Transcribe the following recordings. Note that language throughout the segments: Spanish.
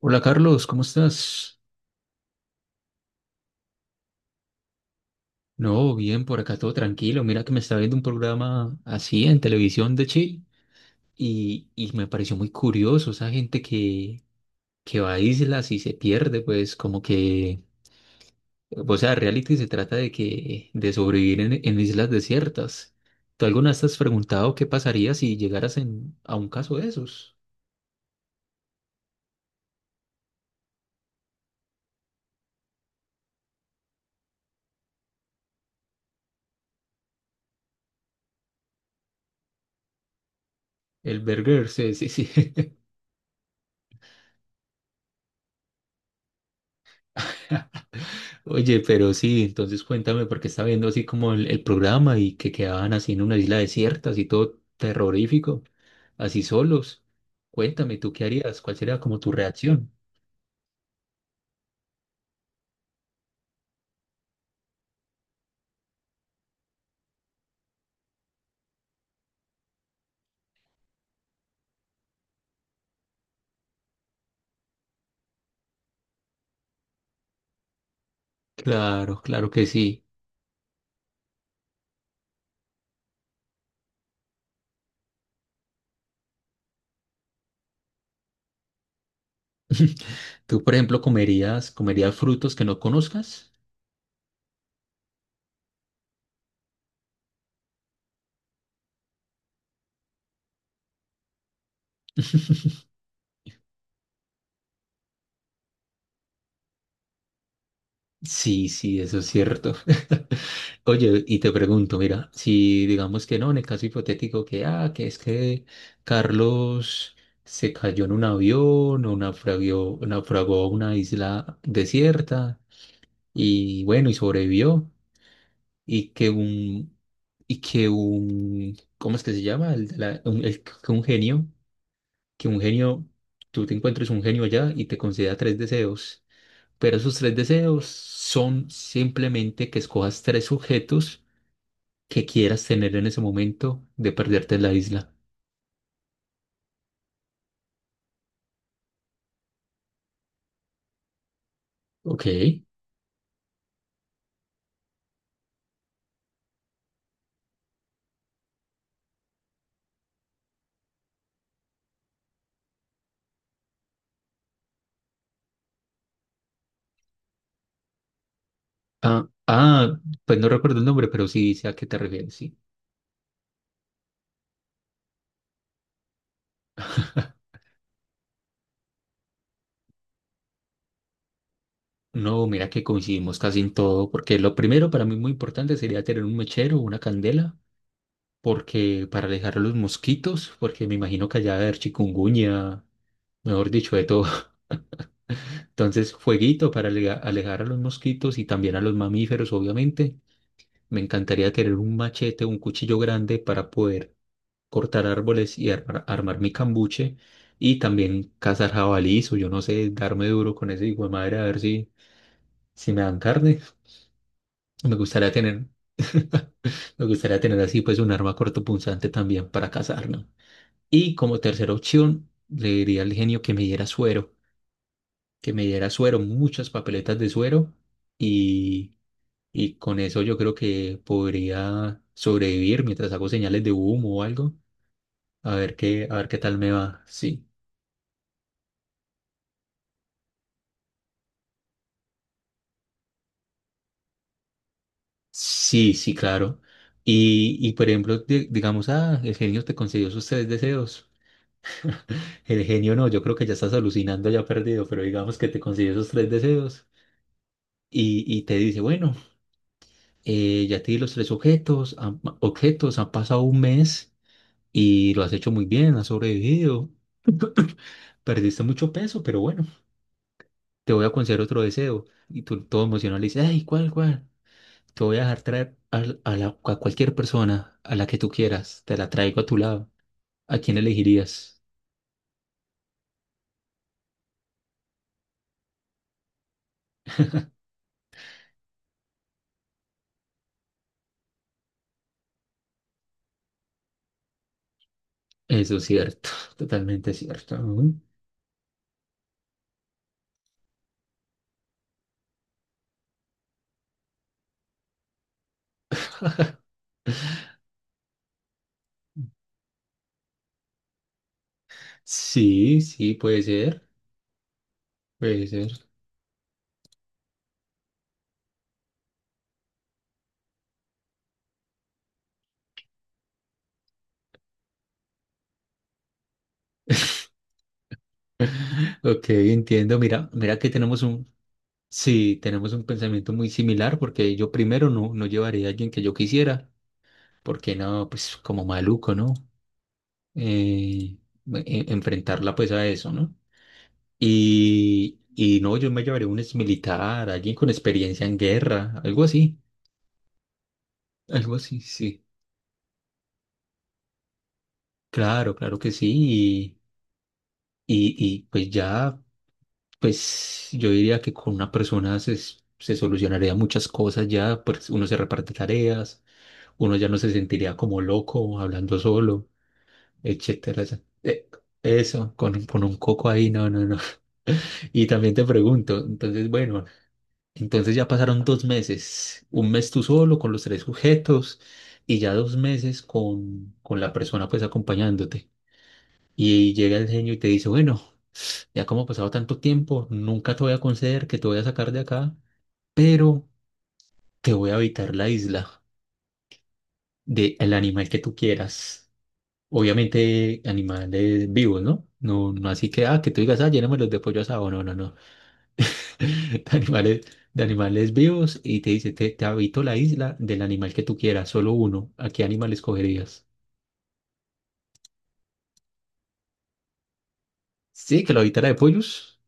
Hola Carlos, ¿cómo estás? No, bien, por acá todo tranquilo. Mira que me estaba viendo un programa así en televisión de Chile y me pareció muy curioso esa gente que va a islas y se pierde, pues como que, o sea, reality se trata de sobrevivir en islas desiertas. ¿Tú alguna vez te has preguntado qué pasaría si llegaras a un caso de esos? El Berger, sí, sí, sí. Oye, pero sí, entonces cuéntame, porque estaba viendo así como el programa y que quedaban así en una isla desierta, así todo terrorífico, así solos. Cuéntame, ¿tú qué harías? ¿Cuál sería como tu reacción? Claro, claro que sí. ¿Tú, por ejemplo, comerías frutos que no conozcas? Sí, sí, eso es cierto. Oye, y te pregunto, mira, si digamos que no, en el caso hipotético que es que Carlos se cayó en un avión o naufragó a una isla desierta y bueno, y sobrevivió y que un, y que un, ¿cómo es que se llama? El, de la- un, el- que un genio, tú te encuentres un genio allá y te conceda tres deseos. Pero esos tres deseos son simplemente que escojas tres objetos que quieras tener en ese momento de perderte en la isla. Ok. Ah, ah, pues no recuerdo el nombre, pero sí sé a qué te refieres, sí. No, mira que coincidimos casi en todo, porque lo primero para mí muy importante sería tener un mechero, una candela, porque para alejar a los mosquitos, porque me imagino que allá debe haber chikungunya, mejor dicho, de todo. Entonces, fueguito para alejar a los mosquitos y también a los mamíferos, obviamente. Me encantaría tener un machete o un cuchillo grande para poder cortar árboles y armar mi cambuche y también cazar jabalíes o yo no sé, darme duro con ese hijo de madre a ver si me dan carne. Me gustaría tener, me gustaría tener así pues un arma cortopunzante también para cazar, ¿no? Y como tercera opción, le diría al genio que me diera suero, muchas papeletas de suero y con eso yo creo que podría sobrevivir mientras hago señales de humo o algo. A ver qué tal me va. Sí, sí, sí, claro. Y por ejemplo, digamos, el genio te concedió sus tres deseos. El genio no, yo creo que ya estás alucinando, ya perdido, pero digamos que te concedió esos tres deseos y te dice, bueno, ya te di los tres objetos, han pasado un mes y lo has hecho muy bien, has sobrevivido, perdiste mucho peso, pero bueno. Te voy a conceder otro deseo. Y tú todo emocionado le dices, ay, ¿cuál, cuál? Te voy a dejar traer a cualquier persona, a la que tú quieras, te la traigo a tu lado. ¿A quién elegirías? Eso es cierto, totalmente cierto. Ujú. Sí, sí, puede ser, puede ser. Ok, entiendo. Mira, mira que tenemos un, sí, tenemos un pensamiento muy similar porque yo primero no, no llevaría a alguien que yo quisiera, porque no, pues como maluco, ¿no? Eh, enfrentarla pues a eso, ¿no? Y no, yo me llevaré un exmilitar, alguien con experiencia en guerra, algo así, sí. Claro, claro que sí. Y pues ya, pues yo diría que con una persona se solucionaría muchas cosas ya, pues uno se reparte tareas, uno ya no se sentiría como loco hablando solo, etcétera. Eso, con un coco ahí, no, no, no. Y también te pregunto, entonces, bueno, entonces ya pasaron 2 meses, un mes tú solo con los tres sujetos y ya 2 meses con la persona pues acompañándote. Y, llega el genio y te dice, bueno, ya como ha pasado tanto tiempo, nunca te voy a conceder que te voy a sacar de acá, pero te voy a habitar la isla del animal que tú quieras. Obviamente animales vivos, ¿no? No, no así que, que tú digas, lléname los de pollo asado. No, no, no. de animales, de animales vivos y te dice, te habito la isla del animal que tú quieras, solo uno. ¿A qué animal escogerías? Sí, que lo habitara de pollos.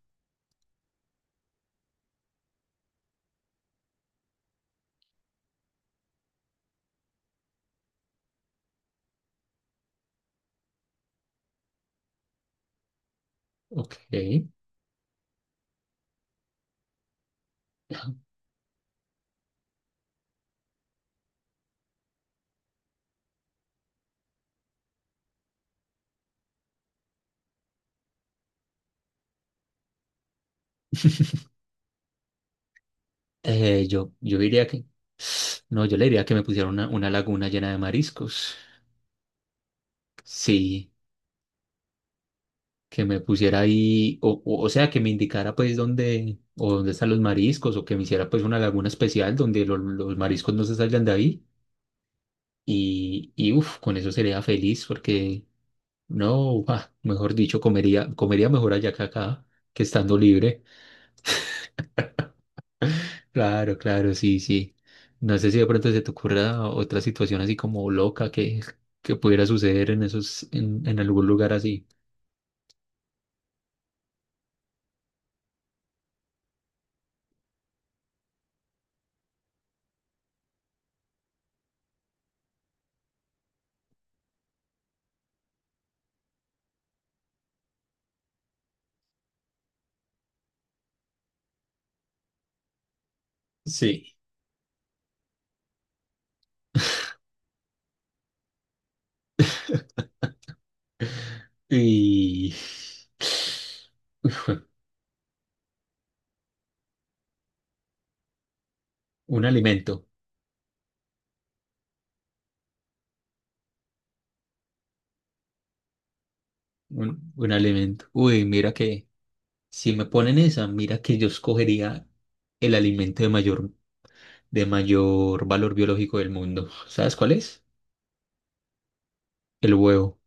Ok. Yo diría que... No, yo le diría que me pusiera una laguna llena de mariscos. Sí, que me pusiera ahí, o sea, que me indicara pues dónde, o dónde están los mariscos, o que me hiciera pues una laguna especial donde los mariscos no se salgan de ahí. Y uff, con eso sería feliz porque no, mejor dicho, comería mejor allá que acá, que estando libre. Claro, claro, sí, sí. No sé si de pronto se te ocurra otra situación así como loca que pudiera suceder en algún lugar así. Sí. Y un alimento, un alimento. Uy, mira que si me ponen esa, mira que yo escogería el alimento de mayor valor biológico del mundo. ¿Sabes cuál es? El huevo.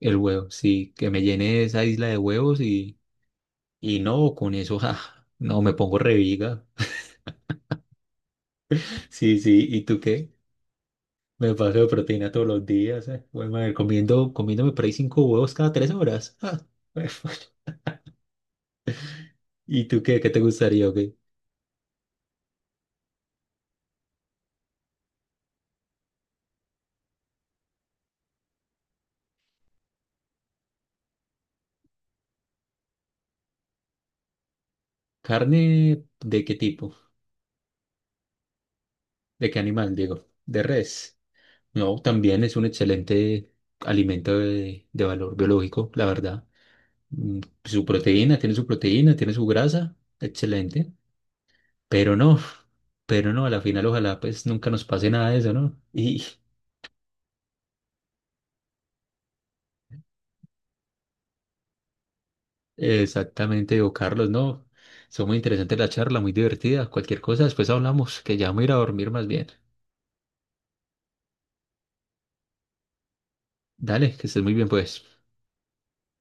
El huevo, sí, que me llene esa isla de huevos y no, con eso, ja, no, me pongo reviga. Sí, sí, ¿y tú qué? Me paso de proteína todos los días, eh. Bueno, madre, comiéndome por ahí cinco huevos cada 3 horas. Jue- ¿Y tú qué? ¿Qué te gustaría o qué? ¿Carne de qué tipo? ¿De qué animal, digo? ¿De res? No, también es un excelente alimento de valor biológico, la verdad. Tiene su proteína, tiene su grasa, excelente. Pero no, pero no, a la final ojalá pues nunca nos pase nada de eso, ¿no? Y exactamente, digo, Carlos, no, son muy interesantes la charla, muy divertida, cualquier cosa, después hablamos, que ya me voy a ir a dormir más bien. Dale, que estés muy bien pues.